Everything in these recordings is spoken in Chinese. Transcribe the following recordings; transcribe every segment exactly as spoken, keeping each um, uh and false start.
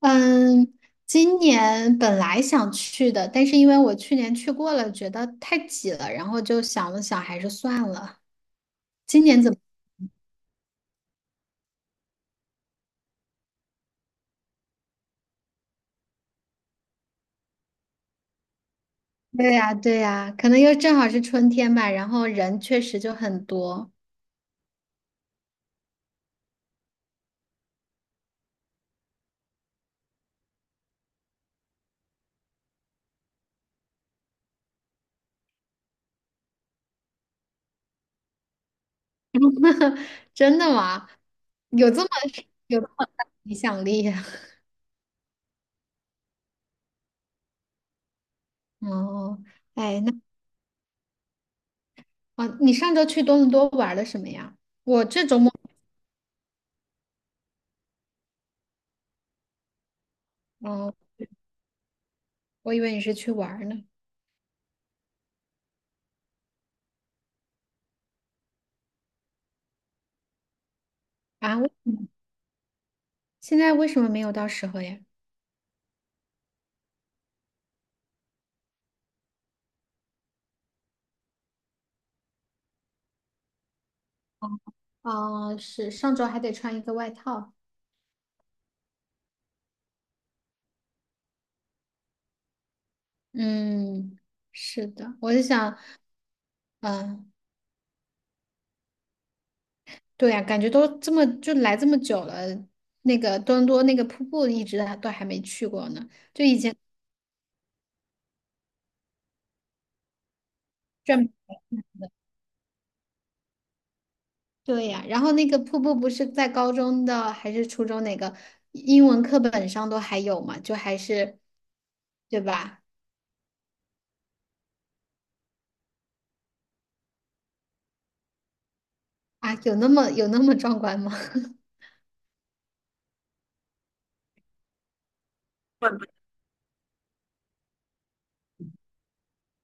嗯，今年本来想去的，但是因为我去年去过了，觉得太挤了，然后就想了想，还是算了。今年怎么？对呀，对呀，可能又正好是春天吧，然后人确实就很多。真的吗？有这么有这么大的影响力？哦，哎，那哦，你上周去多伦多玩了什么呀？我这周末，哦，我以为你是去玩儿呢。啊，为什么现在为什么没有到时候呀？啊，是上周还得穿一个外套。嗯，是的，我就想，嗯，对呀，感觉都这么就来这么久了，那个多伦多那个瀑布一直还都还没去过呢，就以前转，对呀，然后那个瀑布不是在高中的还是初中哪个英文课本上都还有嘛，就还是，对吧？啊，有那么有那么壮观吗？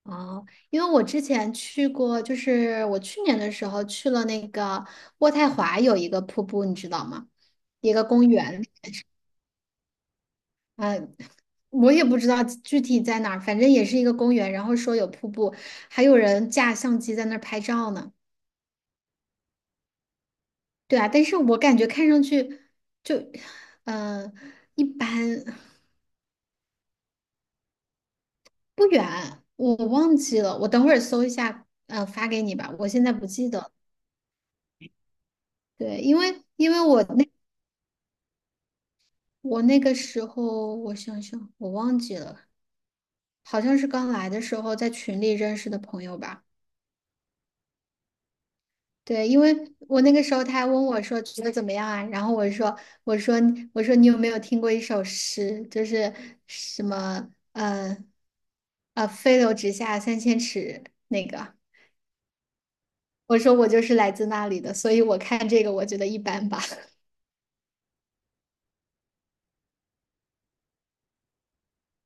哦，因为我之前去过，就是我去年的时候去了那个渥太华有一个瀑布，你知道吗？一个公园，呃，我也不知道具体在哪儿，反正也是一个公园。然后说有瀑布，还有人架相机在那儿拍照呢。对啊，但是我感觉看上去就，嗯、一般不远，我忘记了，我等会儿搜一下，嗯，发给你吧，我现在不记得。对，因为因为我那。我那个时候，我想想，我忘记了，好像是刚来的时候在群里认识的朋友吧。对，因为我那个时候他还问我说觉得怎么样啊，然后我说我说我说你有没有听过一首诗，就是什么呃呃飞流直下三千尺那个，我说我就是来自那里的，所以我看这个我觉得一般吧。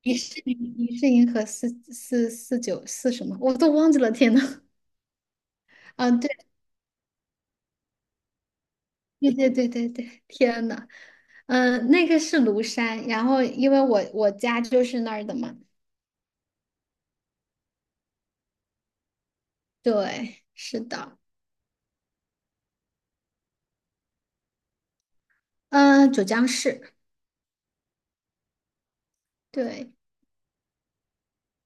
疑是银疑是银河四四四九四什么我都忘记了，天呐，啊，对。对对对对对，天呐，嗯，那个是庐山，然后因为我我家就是那儿的嘛，对，是的，嗯，九江市，对，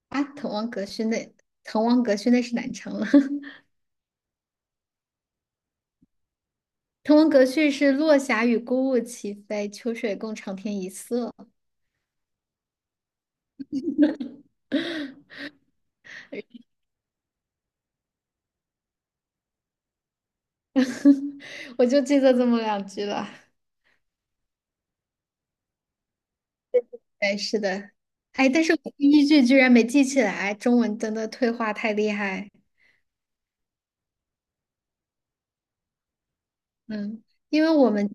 啊，滕王阁序那，滕王阁序那是南昌了，滕王阁序是落霞与孤鹜齐飞，秋水共长天一色，我就记得这么两句了，对，是的，哎，但是我第一句居然没记起来，中文真的退化太厉害，嗯，因为我们，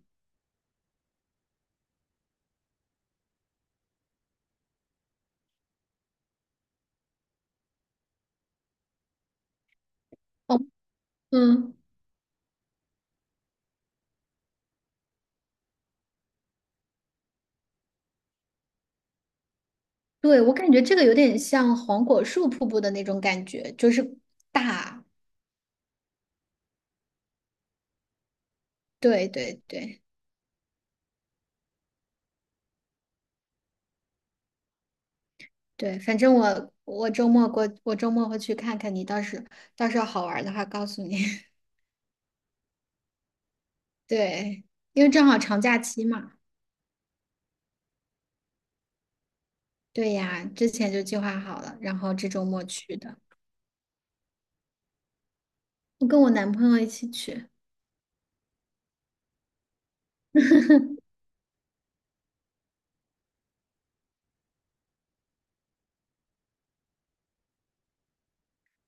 哦，嗯。对，我感觉这个有点像黄果树瀑布的那种感觉，就是大。对对对对，反正我我周末过，我周末会去看看你，到时到时候好玩儿的话告诉你。对，因为正好长假期嘛。对呀，之前就计划好了，然后这周末去的。我跟我男朋友一起去，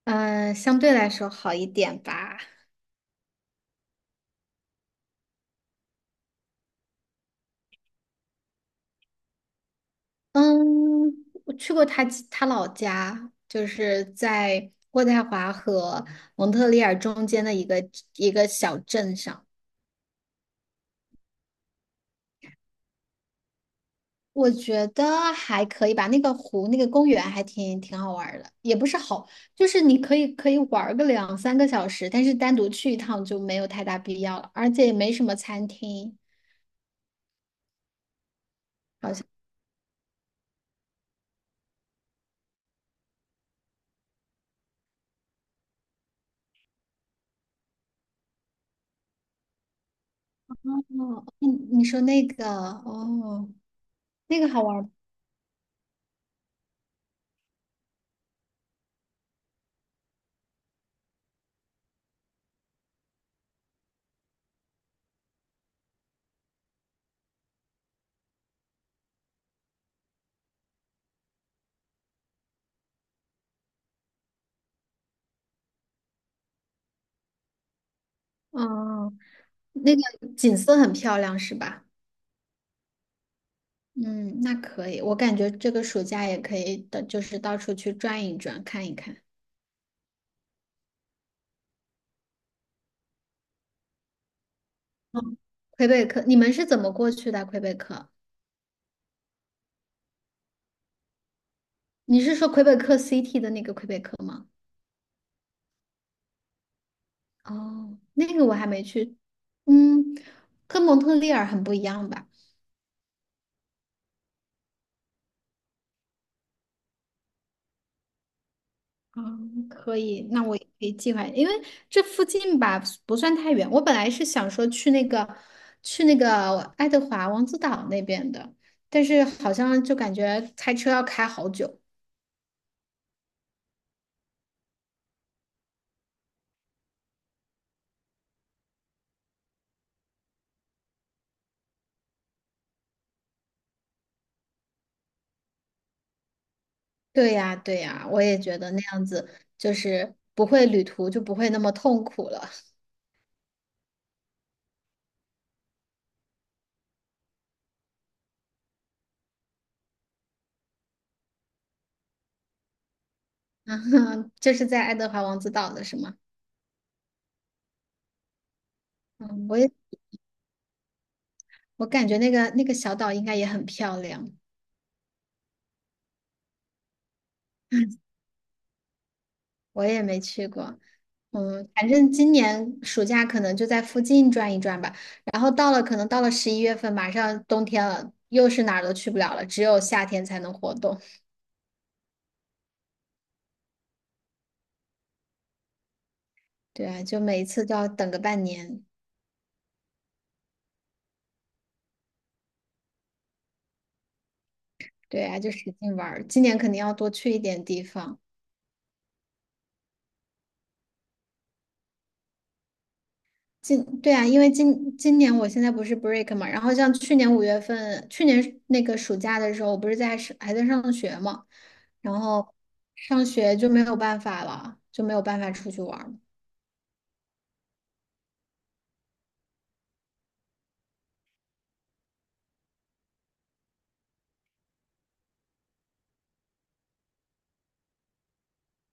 嗯，相对来说好一点吧。嗯，我去过他他老家，就是在渥太华和蒙特利尔中间的一个一个小镇上，我觉得还可以吧。那个湖，那个公园还挺挺好玩儿的，也不是好，就是你可以可以玩儿个两三个小时，但是单独去一趟就没有太大必要了，而且也没什么餐厅，好像。哦，你你说那个哦，那个好玩儿，嗯，那个景色很漂亮是吧？嗯，那可以，我感觉这个暑假也可以的，就是到处去转一转，看一看。嗯，魁北克，你们是怎么过去的？魁北克，你是说魁北克 City 的那个魁北克吗？哦，那个我还没去。嗯，跟蒙特利尔很不一样吧？嗯，可以，那我也可以计划，因为这附近吧不算太远。我本来是想说去那个去那个爱德华王子岛那边的，但是好像就感觉开车要开好久。对呀，对呀，我也觉得那样子就是不会旅途就不会那么痛苦了。嗯，这是在爱德华王子岛的是吗？嗯，我也我感觉那个那个小岛应该也很漂亮，我也没去过。嗯，反正今年暑假可能就在附近转一转吧。然后到了可能到了十一月份，马上冬天了，又是哪儿都去不了了，只有夏天才能活动。对啊，就每一次都要等个半年。对啊，就使劲玩儿。今年肯定要多去一点地方。今对啊，因为今今年我现在不是 break 嘛，然后像去年五月份，去年那个暑假的时候，我不是在是还在上学嘛，然后上学就没有办法了，就没有办法出去玩儿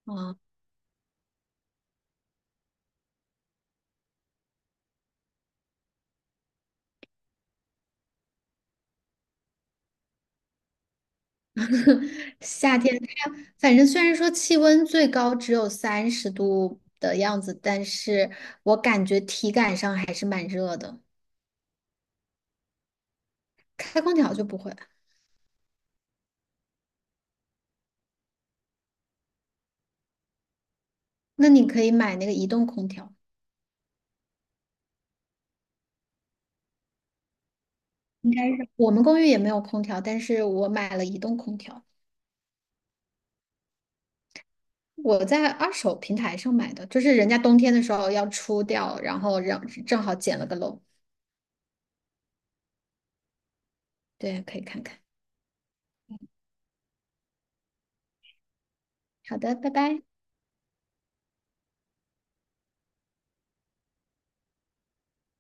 啊。夏天它反正虽然说气温最高只有三十度的样子，但是我感觉体感上还是蛮热的。开空调就不会，那你可以买那个移动空调。应该是我们公寓也没有空调，但是我买了移动空调。我在二手平台上买的，就是人家冬天的时候要出掉，然后让正好捡了个漏。对，可以看看。好的，拜拜。